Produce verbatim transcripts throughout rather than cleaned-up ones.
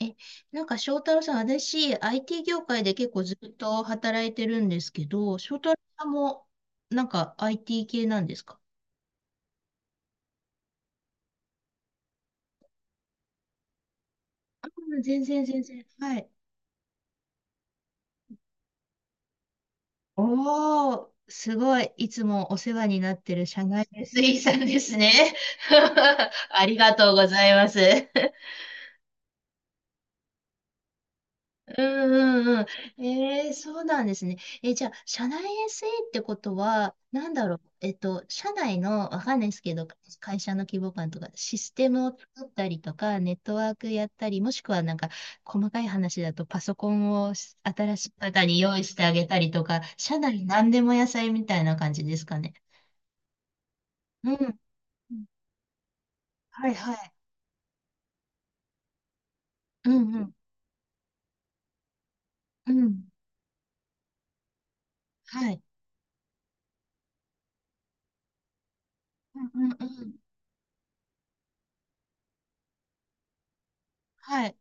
え、なんか翔太郎さん、私、アイティー 業界で結構ずっと働いてるんですけど、翔太郎さんも、なんか アイティー 系なんですか？あ、全然全然。はい。おー、すごい。いつもお世話になってる社外の エスイー さんですね。ありがとうございます。うんうんうん。えー、そうなんですね。え、じゃあ、社内 エスイー ってことは、なんだろう、えっと、社内の、わかんないですけど、会社の規模感とか、システムを作ったりとか、ネットワークやったり、もしくはなんか、細かい話だと、パソコンを新しい方に用意してあげたりとか、社内何でも野菜みたいな感じですかね。うん。うん。はいはい。うんうん。うん。はい。うんうんうん。はい。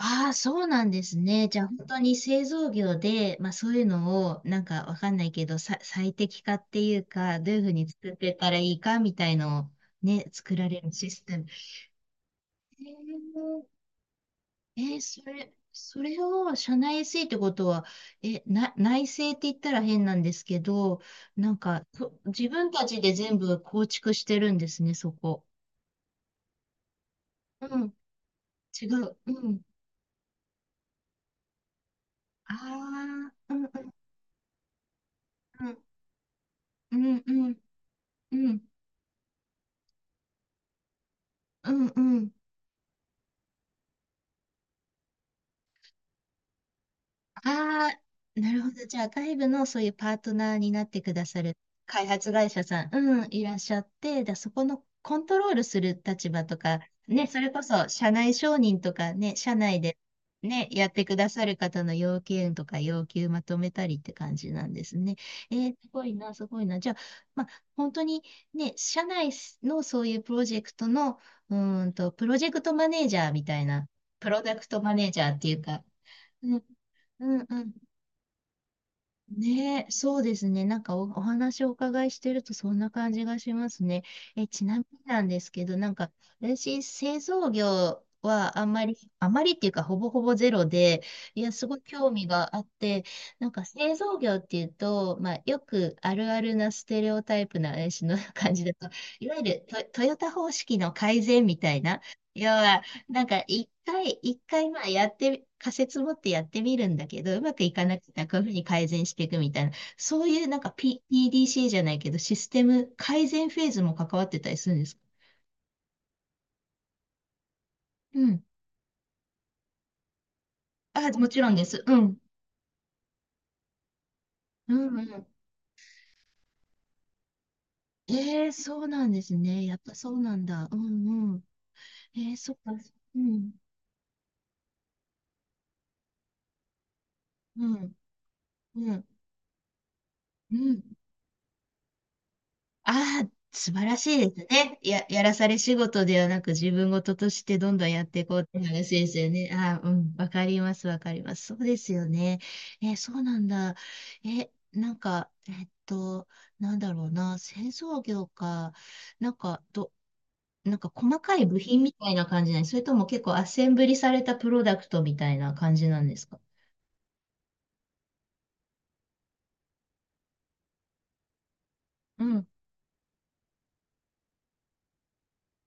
ああ、そうなんですね。じゃあ本当に製造業で、まあそういうのをなんかわかんないけど、さ、最適化っていうか、どういうふうに作ってったらいいかみたいのをね、作られるシステム。えー、えーそれ、それを社内 エスイー ってことは、え、な、内製って言ったら変なんですけど、なんか、そ自分たちで全部構築してるんですね、そこ。うん、違う。うん。ああ、うんうんうん。うんうんうん。うんうん。ああ、なるほど。じゃあ、外部のそういうパートナーになってくださる開発会社さん、うん、いらっしゃって、だ、そこのコントロールする立場とか、ね、それこそ社内承認とかね、社内でね、やってくださる方の要件とか要求まとめたりって感じなんですね。えー、すごいな、すごいな。じゃあ、まあ、本当にね、社内のそういうプロジェクトの、うーんと、プロジェクトマネージャーみたいな、プロダクトマネージャーっていうか、うん、うん、うん。ねえ、そうですね。なんかお、お話をお伺いしてるとそんな感じがしますね。え、ちなみになんですけど、なんか、私、製造業はあんまり、あまりっていうか、ほぼほぼゼロで、いや、すごい興味があって、なんか、製造業っていうと、まあ、よくあるあるなステレオタイプな私の 感じだと、いわゆるト、トヨタ方式の改善みたいな、要は、なんか一回、一回まあやってみ、仮説持ってやってみるんだけど、うまくいかなくてはこういうふうに改善していくみたいな、そういうなんか、P、ピーディーシー じゃないけど、システム改善フェーズも関わってたりするんですか？うん。あ、もちろんです。うん。うんうん。えー、そうなんですね。やっぱそうなんだ。うんうん。えー、そっか。うん。うん。うん。うん。ああ、素晴らしいですね。や、やらされ仕事ではなく自分事としてどんどんやっていこうって話ですよね。ああ、うん、わかります、わかります。そうですよね。えそうなんだ。え、なんか、えっと、なんだろうな、製造業か、なんか、ど、なんか細かい部品みたいな感じなんです？それとも結構アッセンブリされたプロダクトみたいな感じなんですか？うん。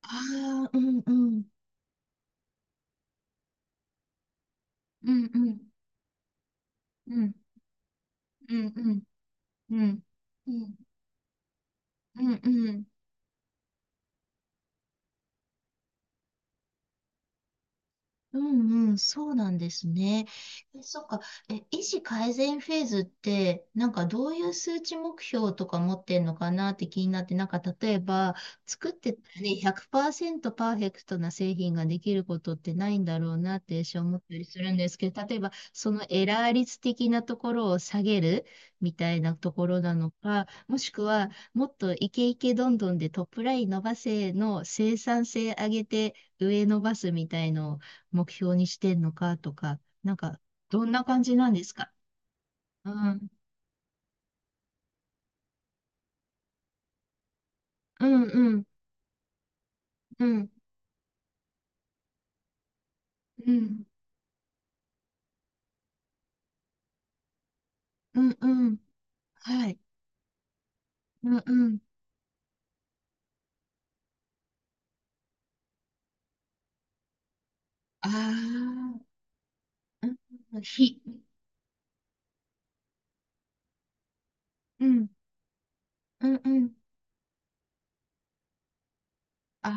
ああ、うんうん。うんうん。うんうんうん。うん。うん。うんうん。うんうん、そうなんですね。え、そっか。え、医師改善フェーズって、なんかどういう数値目標とか持ってんのかなって気になって、なんか例えば、作ってたらね、ひゃくパーセントパーセントパーフェクトな製品ができることってないんだろうなって私は思ったりするんですけど、例えば、そのエラー率的なところを下げるみたいなところなのか、もしくは、もっとイケイケどんどんでトップライン伸ばせの生産性上げて上伸ばすみたいのを目標にしてんのかとか、なんか、どんな感じなんですか？うん、うん、うん、うん、うん、うん、うん、はい、うん、うん、ああ、うん、ひ、うん、うん、うん、あ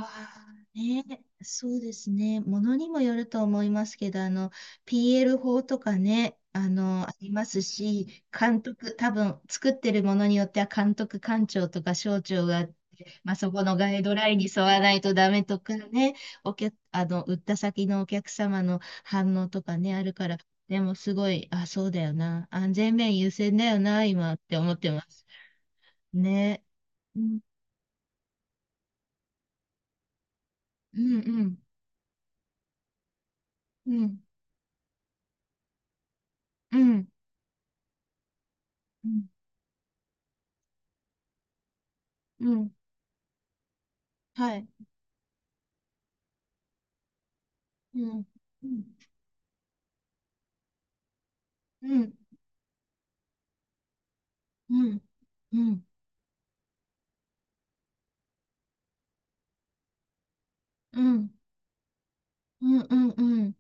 あ、ね、そうですね。ものにもよると思いますけど、あの、ピーエル 法とかね、あの、ありますし、監督、多分、作ってるものによっては、監督官庁とか省庁があって、まあ、そこのガイドラインに沿わないとダメとかね、お客、あの、売った先のお客様の反応とかね、あるから、でも、すごい、あ、そうだよな。安全面優先だよな、今って思ってます。ね。うん、うん、うん、うん、うん。うんうん。はい。うん。うん。うん。うん。うん。うん。うん。うん。うん。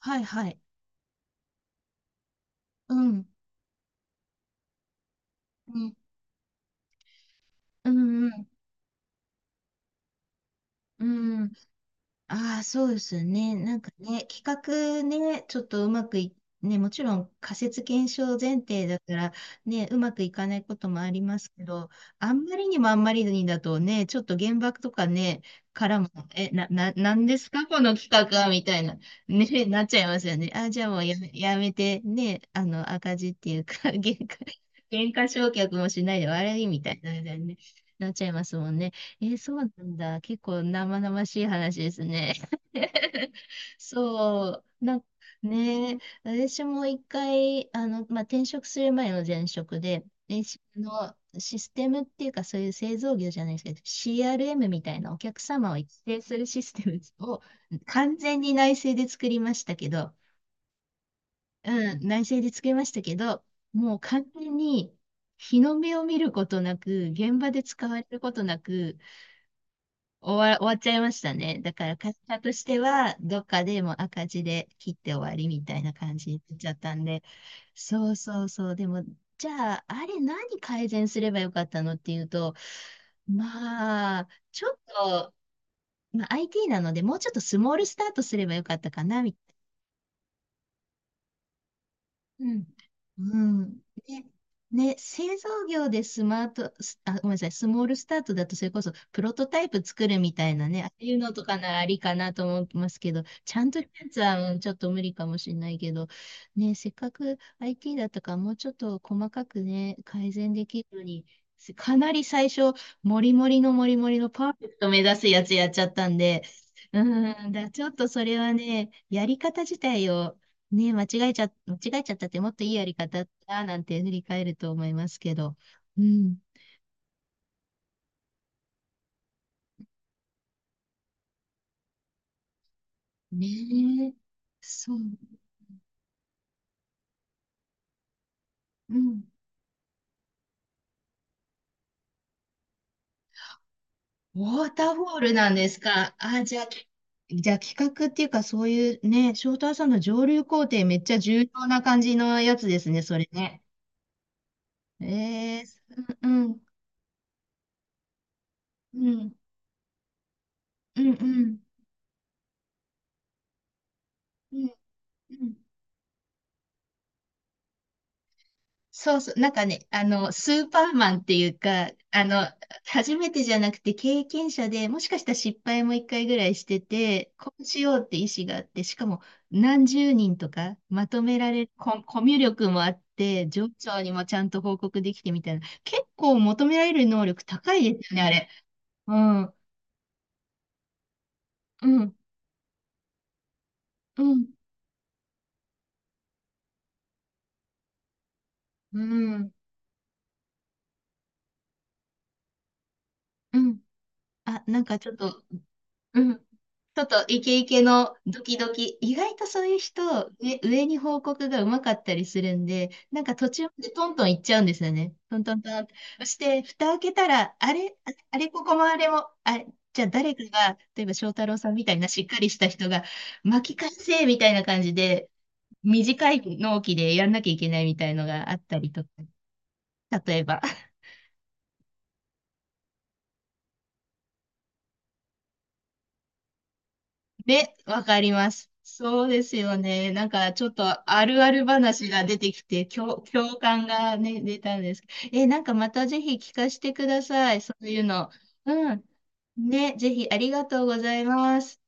はい。はい。うん。うん。うん。うん。ああ、そうですね。なんかね、企画ね、ちょっとうまくい、ね、もちろん仮説検証前提だから、ね、うまくいかないこともありますけど、あんまりにもあんまりにだとね、ちょっと原爆とかね、からも、え、な、な、なんですか、この企画は、みたいな、ね、なっちゃいますよね。あ、じゃあもうやめ、やめて、ね、あの、赤字っていうか、原価、原価償却もしないで悪いみたいな、ね、なっちゃいますもんね。えーそうなんだ。結構生々しい話ですね。そう、なんかね、私も一回、あの、まあ、転職する前の前職で、えしあのシステムっていうか、そういう製造業じゃないですけど、シーアールエム みたいなお客様を育成するシステムを完全に内製で作りましたけど、うん、内製で作りましたけど、もう完全に日の目を見ることなく、現場で使われることなく、終わ、終わっちゃいましたね。だから会社としては、どっかでもう赤字で切って終わりみたいな感じになっちゃったんで、そうそうそう。でも、じゃあ、あれ何改善すればよかったのっていうと、まあ、ちょっと、まあ、アイティー なので、もうちょっとスモールスタートすればよかったかな、みうん。うん。ね、ね、製造業でスマート、すあ、ごめんなさい、スモールスタートだとそれこそプロトタイプ作るみたいなね、ああいうのとかならありかなと思ってますけど、ちゃんとしたやつはうん、ちょっと無理かもしれないけど、ね、せっかく アイティー だったからもうちょっと細かくね、改善できるのに、せかなり最初、モリモリのモリモリのパーフェクト目指すやつやっちゃったんで、うん、だ、ちょっとそれはね、やり方自体をね、間違えちゃ、間違えちゃったってもっといいやり方だったなんて振り返ると思いますけど。うん。ねえ。そう。うん。ウォーターフォールなんですか？あ、じゃあ、きじゃあ企画っていうかそういうね、翔太さんの上流工程めっちゃ重要な感じのやつですね、それね。えー、うん、うん、うん、うん、うん、うん。うん。そうそう、なんかね、あの、スーパーマンっていうか、あの、初めてじゃなくて経験者で、もしかしたら失敗も一回ぐらいしてて、こうしようって意思があって、しかも何十人とかまとめられる、コ、コミュ力もあって、上長にもちゃんと報告できてみたいな、結構求められる能力高いですよね、あれ。うん、うん、うん、うん、うん。あ、なんかちょっと、うん、ちょっとイケイケのドキドキ、意外とそういう人、ね、上に報告がうまかったりするんで、なんか途中までトントン行っちゃうんですよね。トントントンって。そして、蓋開けたら、あれ、ああれここもあれも、あれ、じゃあ誰かが、例えば翔太郎さんみたいなしっかりした人が、巻き返せみたいな感じで、短い納期でやんなきゃいけないみたいのがあったりとか、例えば。ね、わかります。そうですよね。なんかちょっとあるある話が出てきて、共、共感がね、出たんですけど。え、なんかまたぜひ聞かせてください。そういうの。うん。ね、ぜひありがとうございます。